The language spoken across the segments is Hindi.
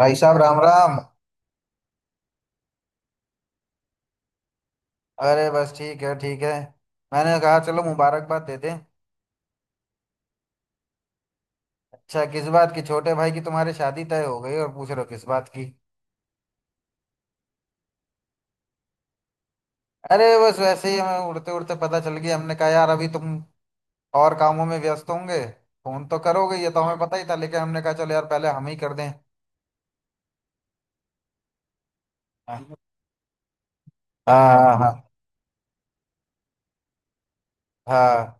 भाई साहब राम राम। अरे बस ठीक है, ठीक है। मैंने कहा चलो मुबारकबाद दे दें। अच्छा, किस बात की? छोटे भाई की, तुम्हारी शादी तय हो गई और पूछ रहे हो किस बात की? अरे बस वैसे ही हमें उड़ते उड़ते पता चल गया। हमने कहा यार अभी तुम और कामों में व्यस्त होंगे। फोन तो करोगे, ये तो हमें पता ही था, लेकिन हमने कहा चलो यार पहले हम ही कर दें। हाँ हाँ। हाँ हाँ।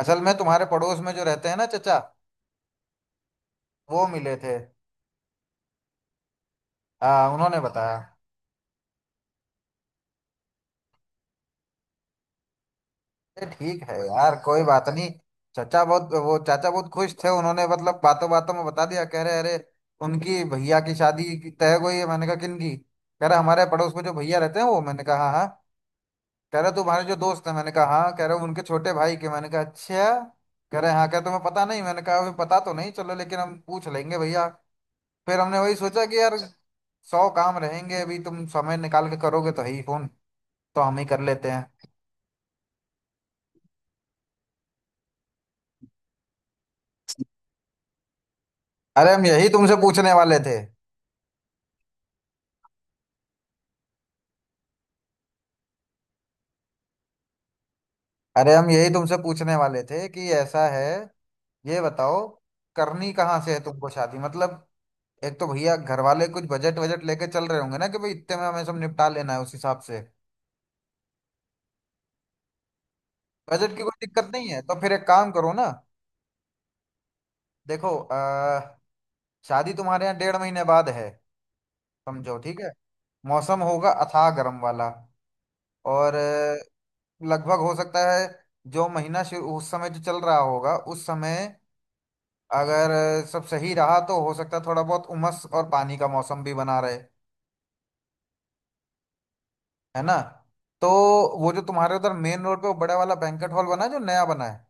असल में तुम्हारे पड़ोस में जो रहते हैं ना, चचा, वो मिले थे। हाँ उन्होंने बताया। अरे ठीक है यार, कोई बात नहीं। चाचा बहुत, वो चाचा बहुत खुश थे। उन्होंने मतलब बातों बातों में बता दिया। कह रहे अरे, उनकी भैया की शादी की तय हो गई है। मैंने कहा किन की? कह रहा हमारे पड़ोस में जो भैया रहते हैं वो। मैंने कहा हाँ हाँ। कह रहे तुम्हारे जो दोस्त हैं। मैंने कहा हाँ। कह रहे उनके छोटे भाई के। मैंने कहा अच्छा। कह रहे हाँ, कह रहे तुम्हें पता नहीं। मैंने कहा अभी पता तो नहीं, चलो लेकिन हम पूछ लेंगे भैया। फिर हमने वही सोचा कि यार सौ काम रहेंगे, अभी तुम समय निकाल के करोगे तो है ही फोन, तो हम ही कर लेते हैं। अरे हम यही तुमसे पूछने वाले थे। अरे हम यही तुमसे पूछने वाले थे कि ऐसा है, ये बताओ, करनी कहाँ से है तुमको शादी मतलब। एक तो भैया घर वाले कुछ बजट वजट लेके चल रहे होंगे ना कि भाई इतने में हमें सब निपटा लेना है, उस हिसाब से। बजट की कोई दिक्कत नहीं है तो फिर एक काम करो ना। देखो, शादी तुम्हारे यहाँ डेढ़ महीने बाद है। समझो, ठीक है। मौसम होगा अथाह गर्म वाला। और लगभग हो सकता है, जो महीना शुरू उस समय जो चल रहा होगा उस समय, अगर सब सही रहा तो हो सकता है थोड़ा बहुत उमस और पानी का मौसम भी बना रहे, है ना। तो वो जो तुम्हारे उधर मेन रोड पे वो बड़ा वाला बैंकेट हॉल बना है जो नया बना है।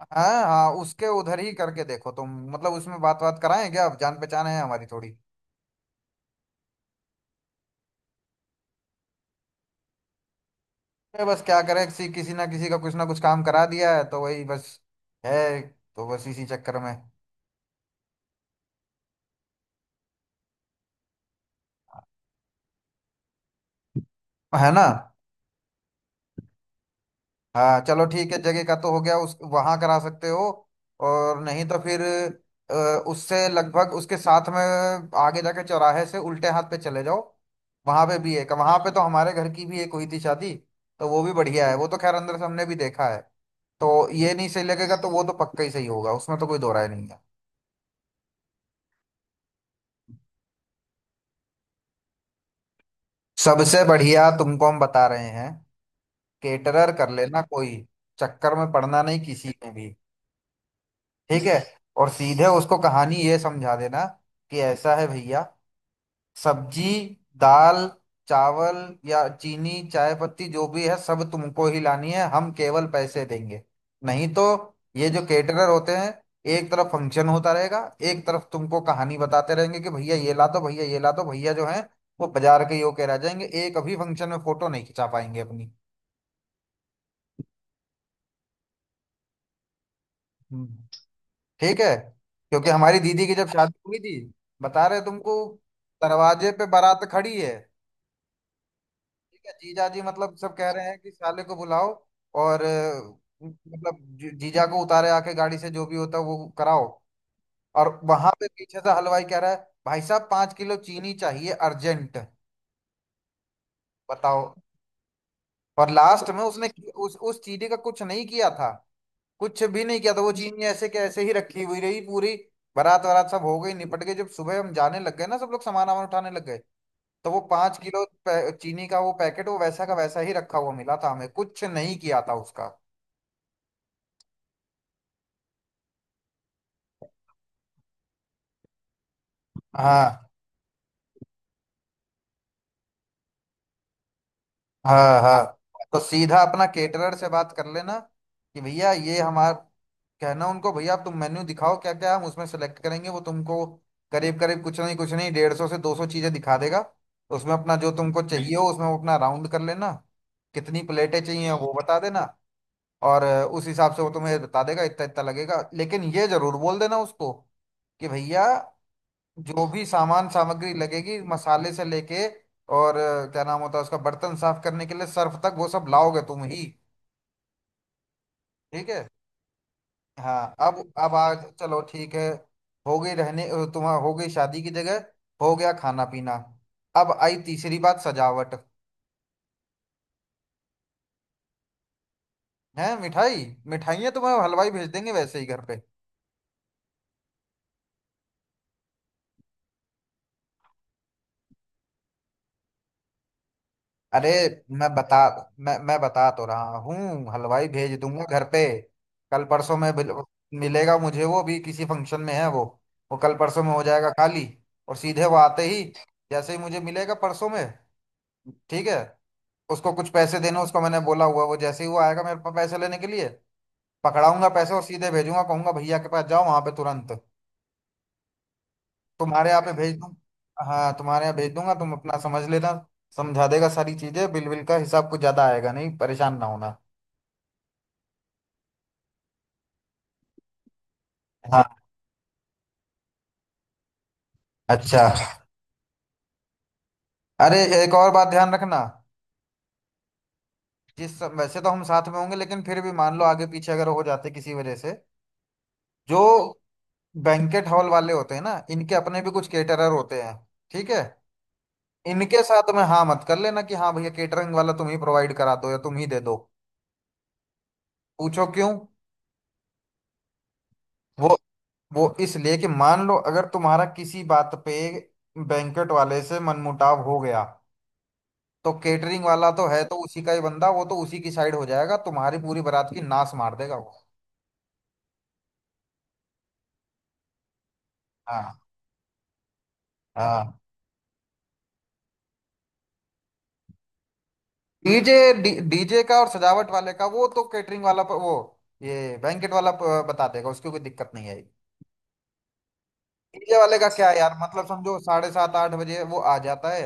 हाँ हाँ, उसके उधर ही करके देखो तुम, मतलब उसमें बात बात कराएं क्या? अब जान पहचान है हमारी थोड़ी। अरे बस क्या करें, किसी किसी ना किसी का कुछ ना कुछ काम करा दिया है तो वही बस है, तो बस इसी चक्कर में, है ना। हाँ चलो ठीक है, जगह का तो हो गया, उस वहां करा सकते हो। और नहीं तो फिर अ, उससे लगभग उसके साथ में, आगे जाके चौराहे से उल्टे हाथ पे चले जाओ। वहां पे भी एक, वहां पे तो हमारे घर की भी एक हुई थी शादी। तो वो भी बढ़िया है, वो तो खैर अंदर से हमने भी देखा है। तो ये नहीं सही लगेगा तो वो तो पक्का ही सही होगा, उसमें तो कोई दो राय नहीं है। सबसे बढ़िया तुमको हम बता रहे हैं, केटरर कर लेना कोई, चक्कर में पड़ना नहीं किसी में भी। ठीक है, और सीधे उसको कहानी ये समझा देना कि ऐसा है भैया, सब्जी, दाल, चावल या चीनी चाय पत्ती जो भी है सब तुमको ही लानी है, हम केवल पैसे देंगे। नहीं तो ये जो केटरर होते हैं, एक तरफ फंक्शन होता रहेगा, एक तरफ तुमको कहानी बताते रहेंगे कि भैया ये ला दो भैया ये ला दो, भैया जो है वो बाजार के यो कह रह जाएंगे, एक अभी फंक्शन में फोटो नहीं खिंचा पाएंगे अपनी। हम्म। ठीक है, क्योंकि हमारी दीदी की जब शादी हुई थी, बता रहे तुमको, दरवाजे पे बारात खड़ी है, ठीक है, जीजा जी मतलब सब कह रहे हैं कि साले को बुलाओ और मतलब जीजा को उतारे आके गाड़ी से, जो भी होता है वो कराओ, और वहां पे पीछे से हलवाई कह रहा है भाई साहब 5 किलो चीनी चाहिए अर्जेंट। बताओ। और लास्ट में उसने उस चीनी का कुछ नहीं किया था, कुछ भी नहीं किया था, वो चीनी ऐसे के ऐसे ही रखी हुई रही पूरी, बारात वारात सब हो गई निपट गई, जब सुबह हम जाने लग गए ना, सब लोग सामान वामान उठाने लग गए, तो वो 5 किलो चीनी का वो पैकेट वो वैसा का वैसा ही रखा हुआ मिला था, हमें कुछ नहीं किया था उसका। हाँ हाँ हाँ। तो सीधा अपना केटरर से बात कर लेना कि भैया ये हमारा कहना उनको, भैया आप तुम मेन्यू दिखाओ, क्या क्या हम उसमें सेलेक्ट करेंगे वो तुमको, करीब करीब कुछ नहीं 150 से 200 चीजें दिखा देगा। उसमें अपना जो तुमको चाहिए हो उसमें वो अपना राउंड कर लेना, कितनी प्लेटें चाहिए वो बता देना। और उस हिसाब से वो तुम्हें बता देगा इतना इतना लगेगा, लेकिन ये जरूर बोल देना उसको कि भैया जो भी सामान सामग्री लगेगी मसाले से लेके, और क्या नाम होता है उसका, बर्तन साफ करने के लिए सर्फ तक वो सब लाओगे तुम ही। ठीक है। हाँ अब आज चलो ठीक है, हो गई रहने तुम्हारा, हो गई शादी की जगह, हो गया खाना पीना। अब आई तीसरी बात सजावट। है मिठाई, मिठाइयाँ तुम्हें हलवाई भेज देंगे वैसे ही घर पे। अरे मैं बता मैं बता तो रहा हूँ, हलवाई भेज दूंगा घर पे। कल परसों में मिलेगा मुझे, वो भी किसी फंक्शन में है वो कल परसों में हो जाएगा खाली। और सीधे वो आते ही, जैसे ही मुझे मिलेगा परसों में, ठीक है, उसको कुछ पैसे देने उसको मैंने बोला हुआ है, वो जैसे ही वो आएगा मेरे पास पैसे लेने के लिए पकड़ाऊंगा पैसे और सीधे भेजूंगा, कहूंगा भैया के पास जाओ वहां पे तुरंत। तुम्हारे यहाँ पे भेज दूँ? हाँ तुम्हारे यहाँ भेज दूंगा, तुम अपना समझ लेना, समझा देगा सारी चीजें, बिल बिल का हिसाब कुछ ज्यादा आएगा नहीं, परेशान ना होना। हाँ अच्छा। अरे एक और बात ध्यान रखना, जिस वैसे तो हम साथ में होंगे लेकिन फिर भी मान लो आगे पीछे अगर हो जाते किसी वजह से, जो बैंकेट हॉल वाले होते हैं ना इनके अपने भी कुछ केटरर होते हैं, ठीक है, इनके साथ में हाँ मत कर लेना कि हाँ भैया केटरिंग वाला तुम ही प्रोवाइड करा दो या तुम ही दे दो। पूछो क्यों। वो वो इसलिए कि मान लो अगर तुम्हारा किसी बात पे बैंकेट वाले से मनमुटाव हो गया, तो केटरिंग वाला तो है तो उसी का ही बंदा, वो तो उसी की साइड हो जाएगा, तुम्हारी पूरी बारात की नाश मार देगा वो। हाँ हाँ। डीजे डीजे का और सजावट वाले का वो तो केटरिंग वाला वो ये बैंकेट वाला बता देगा, उसकी कोई दिक्कत नहीं है। मीडिया वाले का क्या है यार, मतलब समझो साढ़े सात आठ बजे वो आ जाता है,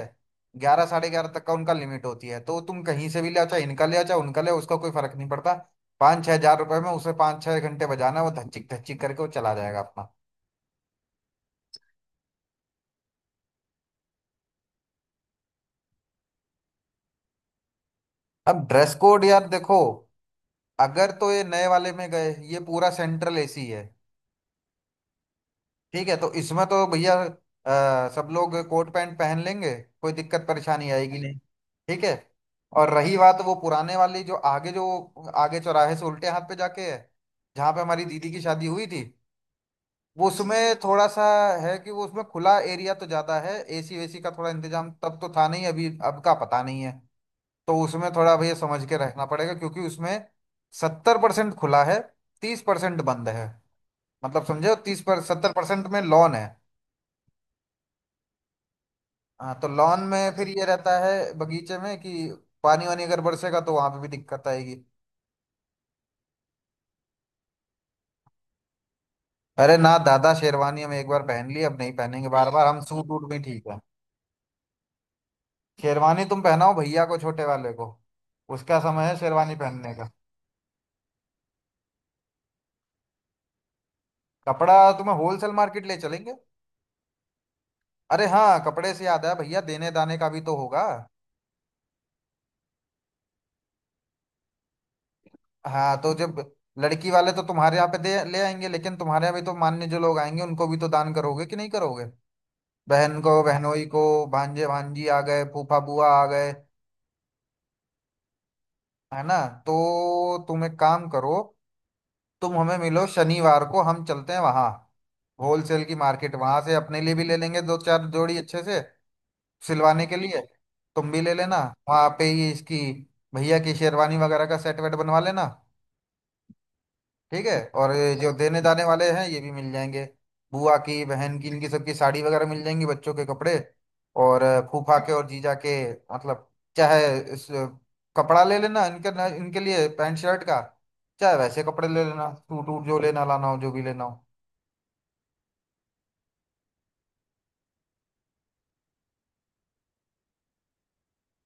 ग्यारह साढ़े ग्यारह तक का उनका लिमिट होती है, तो तुम कहीं से भी ले आओ, चाहे इनका ले आओ चाहे उनका ले आओ, उसका कोई फर्क नहीं पड़ता। 5-6 हजार रुपए में उसे 5-6 घंटे बजाना है, वो धच्चिक धच्चिक करके वो चला जाएगा अपना। अब ड्रेस कोड यार देखो, अगर तो ये नए वाले में गए ये पूरा सेंट्रल एसी है, ठीक है, तो इसमें तो भैया सब लोग कोट पैंट पहन लेंगे, कोई दिक्कत परेशानी आएगी नहीं, ठीक है। और रही बात वो पुराने वाली जो आगे, जो आगे चौराहे से उल्टे हाथ पे जाके है, जहाँ पे हमारी दीदी की शादी हुई थी, वो उसमें थोड़ा सा है कि वो उसमें खुला एरिया तो ज्यादा है, एसी वेसी का थोड़ा इंतजाम तब तो था नहीं, अभी अब का पता नहीं है, तो उसमें थोड़ा भैया समझ के रहना पड़ेगा क्योंकि उसमें 70% खुला है, 30% बंद है, मतलब समझे, तीस पर 70% में लॉन है। हाँ तो लॉन में फिर ये रहता है बगीचे में कि पानी वानी अगर बरसेगा तो वहां पे भी दिक्कत आएगी। अरे ना दादा, शेरवानी हम एक बार पहन ली अब नहीं पहनेंगे बार बार, हम सूट वूट भी ठीक है। शेरवानी तुम पहनाओ भैया को, छोटे वाले को, उसका समय है शेरवानी पहनने का। कपड़ा तुम्हें होलसेल मार्केट ले चलेंगे। अरे हाँ कपड़े से याद है, भैया देने दाने का भी तो होगा। हाँ तो जब लड़की वाले तो तुम्हारे यहाँ पे दे ले आएंगे, लेकिन तुम्हारे यहाँ भी तो मान्य जो लोग आएंगे उनको भी तो दान करोगे कि नहीं करोगे, बहन को बहनोई को, भांजे भांजी आ गए, फूफा बुआ आ गए, है ना। तो तुम एक काम करो, तुम हमें मिलो शनिवार को, हम चलते हैं वहां होलसेल की मार्केट, वहां से अपने लिए भी ले लेंगे दो चार जोड़ी अच्छे से सिलवाने के लिए, तुम भी ले लेना, वहां पे ही इसकी भैया की शेरवानी वगैरह का सेट वेट बनवा लेना। ठीक है, और ये जो देने दाने वाले हैं ये भी मिल जाएंगे, बुआ की बहन की इनकी सबकी साड़ी वगैरह मिल जाएंगी, बच्चों के कपड़े और फूफा के और जीजा के, मतलब चाहे कपड़ा ले लेना इनके ना, इनके लिए पैंट शर्ट का, चाहे वैसे कपड़े ले लेना सूट वूट, जो लेना लाना हो जो भी लेना हो।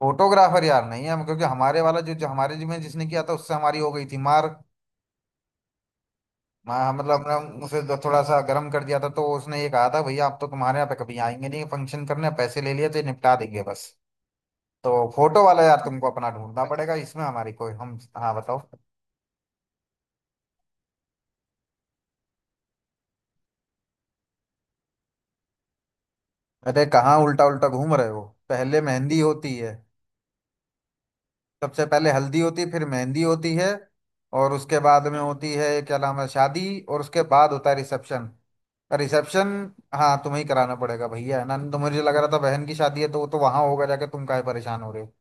फोटोग्राफर यार नहीं है हम, क्योंकि हमारे वाला जो हमारे जिम्मे जिसने किया था उससे हमारी हो गई थी मार। मतलब हमने उसे थोड़ा सा गर्म कर दिया था, तो उसने ये कहा था भैया आप तो तुम्हारे यहाँ पे कभी आएंगे नहीं फंक्शन करने, पैसे ले लिए तो ये निपटा देंगे बस। तो फोटो वाला यार तुमको अपना ढूंढना पड़ेगा, इसमें हमारी कोई हम। हाँ बताओ। अरे कहाँ उल्टा उल्टा घूम रहे हो, पहले मेहंदी होती है, सबसे पहले हल्दी होती है फिर मेहंदी होती है, और उसके बाद में होती है क्या नाम है, शादी, और उसके बाद होता है रिसेप्शन। रिसेप्शन हाँ तुम्हें ही कराना पड़ेगा भैया, है ना, तो मुझे लग रहा था बहन की शादी है तो वो तो वहां होगा जाके, तुम काहे परेशान हो रहे हो।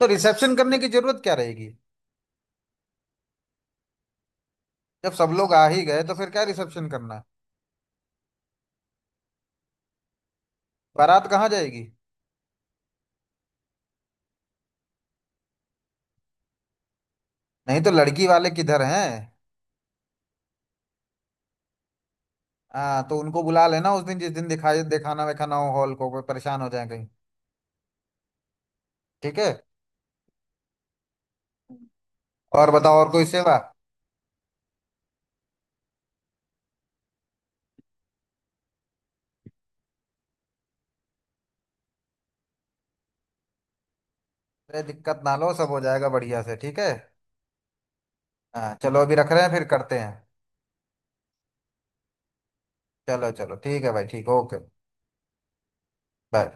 तो रिसेप्शन करने की जरूरत क्या रहेगी, जब सब लोग आ ही गए तो फिर क्या रिसेप्शन करना है। बारात कहाँ जाएगी? नहीं तो लड़की वाले किधर हैं? हाँ तो उनको बुला लेना उस दिन, जिस दिन दिखाई दिखाना विखाना हो हॉल को, कोई परेशान हो जाए कहीं। ठीक है। और बताओ, और कोई सेवा? अरे दिक्कत ना लो, सब हो जाएगा बढ़िया से, ठीक है। हाँ चलो अभी रख रहे हैं, फिर करते हैं। चलो चलो ठीक है भाई, ठीक, ओके। बाय।